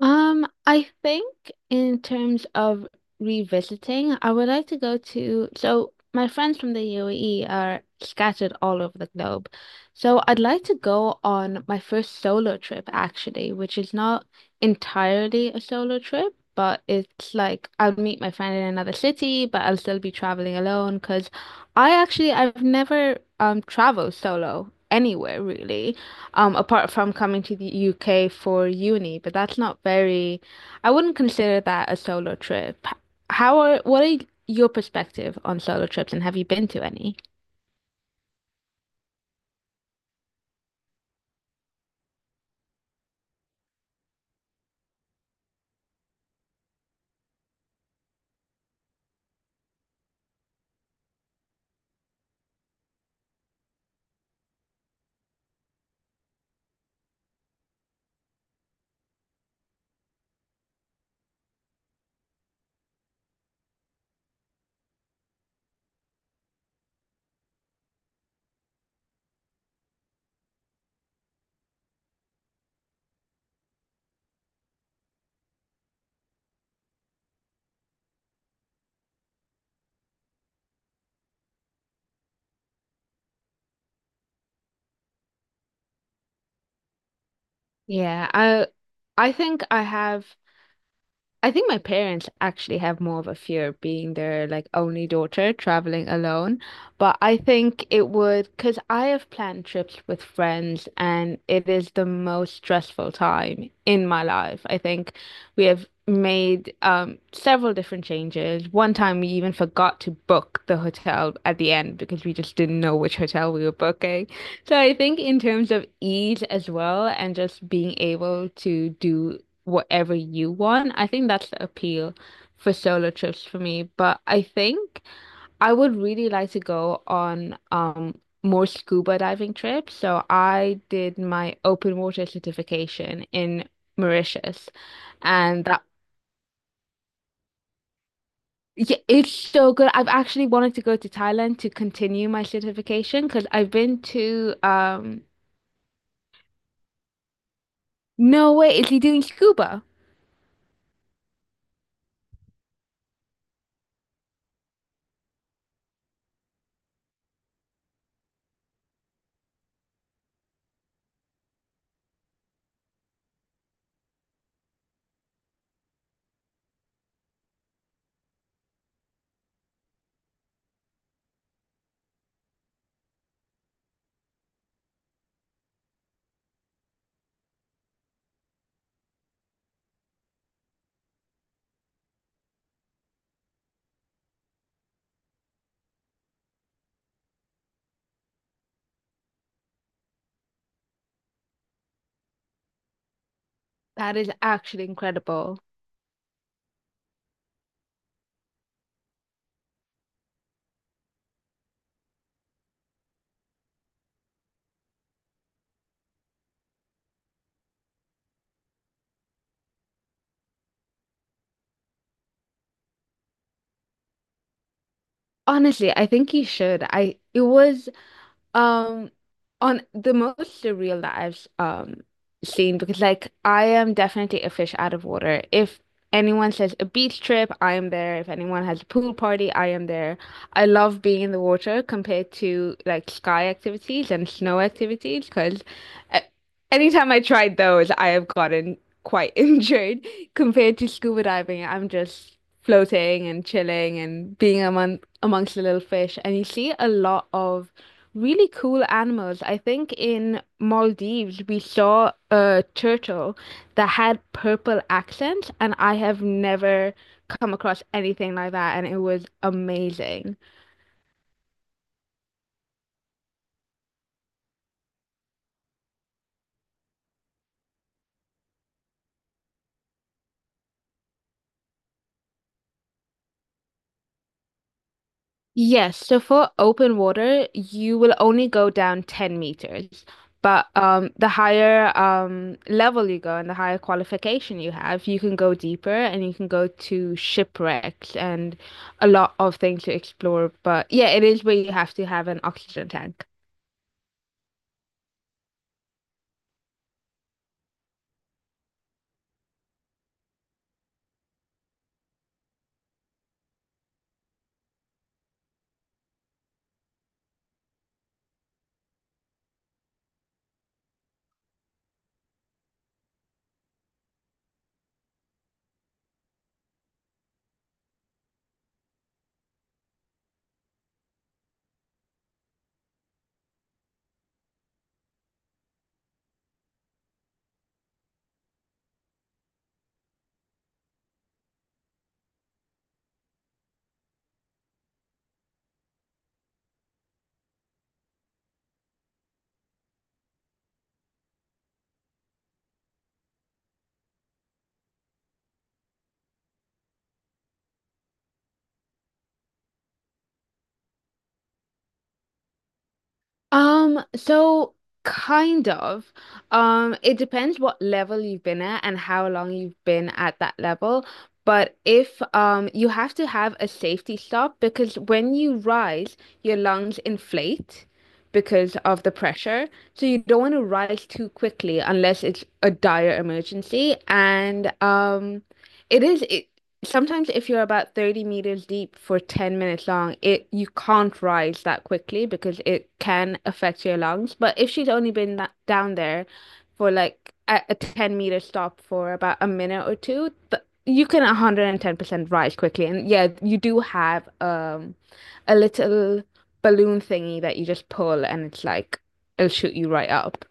I think in terms of revisiting, I would like to go to, so my friends from the UAE are scattered all over the globe. So I'd like to go on my first solo trip actually, which is not entirely a solo trip, but it's like I'll meet my friend in another city, but I'll still be traveling alone because I've never traveled solo anywhere really, apart from coming to the UK for uni, but that's not very, I wouldn't consider that a solo trip. What are your perspective on solo trips and have you been to any? Yeah, I think I have I think my parents actually have more of a fear of being their like only daughter traveling alone, but I think it would, because I have planned trips with friends and it is the most stressful time in my life. I think we have made several different changes. One time we even forgot to book the hotel at the end because we just didn't know which hotel we were booking. So I think in terms of ease as well and just being able to do whatever you want, I think that's the appeal for solo trips for me. But I think I would really like to go on more scuba diving trips. So I did my open water certification in Mauritius, and that. Yeah, it's so good. I've actually wanted to go to Thailand to continue my certification because I've been to Norway. Is he doing scuba? That is actually incredible. Honestly, I think you should. I it was Um, on the most surreal that I've seen, because like I am definitely a fish out of water. If anyone says a beach trip, I am there. If anyone has a pool party, I am there. I love being in the water compared to like sky activities and snow activities, because anytime I tried those, I have gotten quite injured compared to scuba diving. I'm just floating and chilling and being amongst the little fish, and you see a lot of really cool animals. I think in Maldives we saw a turtle that had purple accents, and I have never come across anything like that, and it was amazing. Yes, so for open water, you will only go down 10 meters. But the higher level you go and the higher qualification you have, you can go deeper and you can go to shipwrecks and a lot of things to explore. But yeah, it is where you have to have an oxygen tank. So kind of. It depends what level you've been at and how long you've been at that level. But if you have to have a safety stop, because when you rise, your lungs inflate because of the pressure. So you don't want to rise too quickly unless it's a dire emergency. And it is it, sometimes if you're about 30 meters deep for 10 minutes long, it you can't rise that quickly because it can affect your lungs. But if she's only been down there for like a 10-meter stop for about a minute or two, th you can 110% rise quickly. And yeah, you do have a little balloon thingy that you just pull, and it's like it'll shoot you right up.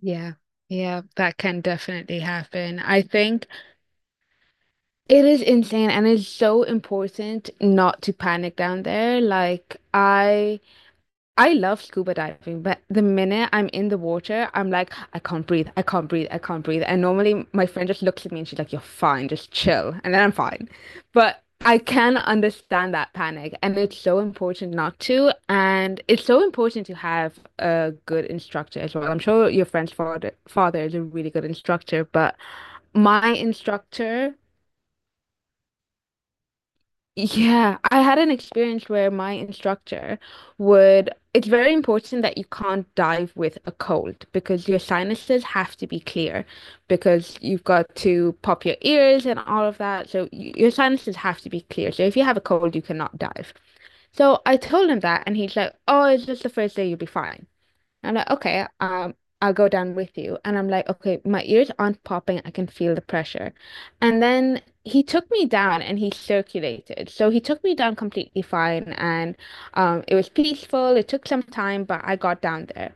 Yeah. Yeah, that can definitely happen. I think. It is insane and it's so important not to panic down there. I love scuba diving, but the minute I'm in the water, I'm like, I can't breathe, I can't breathe, I can't breathe. And normally my friend just looks at me and she's like, "You're fine, just chill." And then I'm fine. But I can understand that panic. And it's so important not to. And it's so important to have a good instructor as well. I'm sure your friend's father is a really good instructor, but my instructor yeah, I had an experience where my instructor it's very important that you can't dive with a cold because your sinuses have to be clear, because you've got to pop your ears and all of that. So y your sinuses have to be clear. So if you have a cold, you cannot dive. So I told him that and he's like, "Oh, it's just the first day, you'll be fine." I'm like, okay, I'll go down with you. And I'm like, okay, my ears aren't popping. I can feel the pressure. And then he took me down and he circulated. So he took me down completely fine. And it was peaceful. It took some time, but I got down there.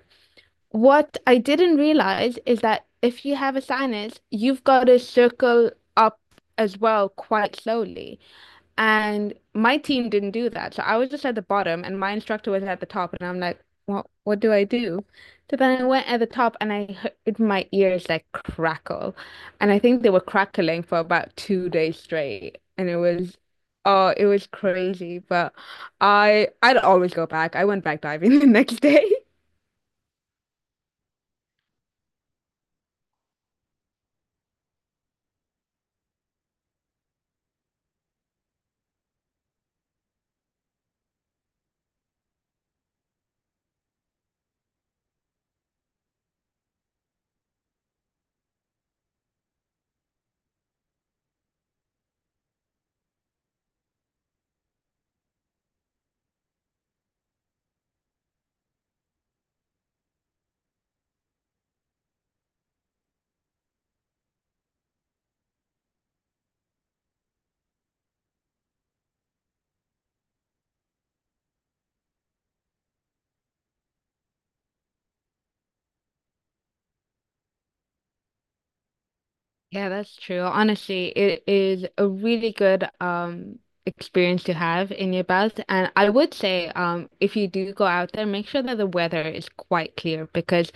What I didn't realize is that if you have a sinus, you've got to circle up as well quite slowly. And my team didn't do that. So I was just at the bottom and my instructor was at the top and I'm like, what do I do? So then I went at the top and I heard my ears like crackle. And I think they were crackling for about 2 days straight. And it was Oh, it was crazy. But I'd always go back. I went back diving the next day. Yeah, that's true. Honestly, it is a really good experience to have in your belt. And I would say if you do go out there, make sure that the weather is quite clear, because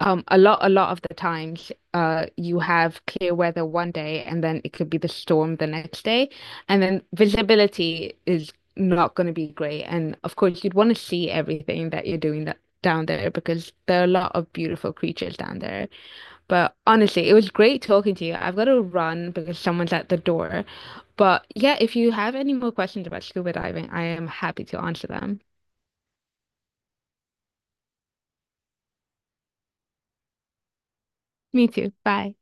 a lot of the times you have clear weather 1 day and then it could be the storm the next day, and then visibility is not going to be great. And of course you'd want to see everything that you're doing that down there, because there are a lot of beautiful creatures down there. But honestly, it was great talking to you. I've got to run because someone's at the door. But yeah, if you have any more questions about scuba diving, I am happy to answer them. Me too. Bye.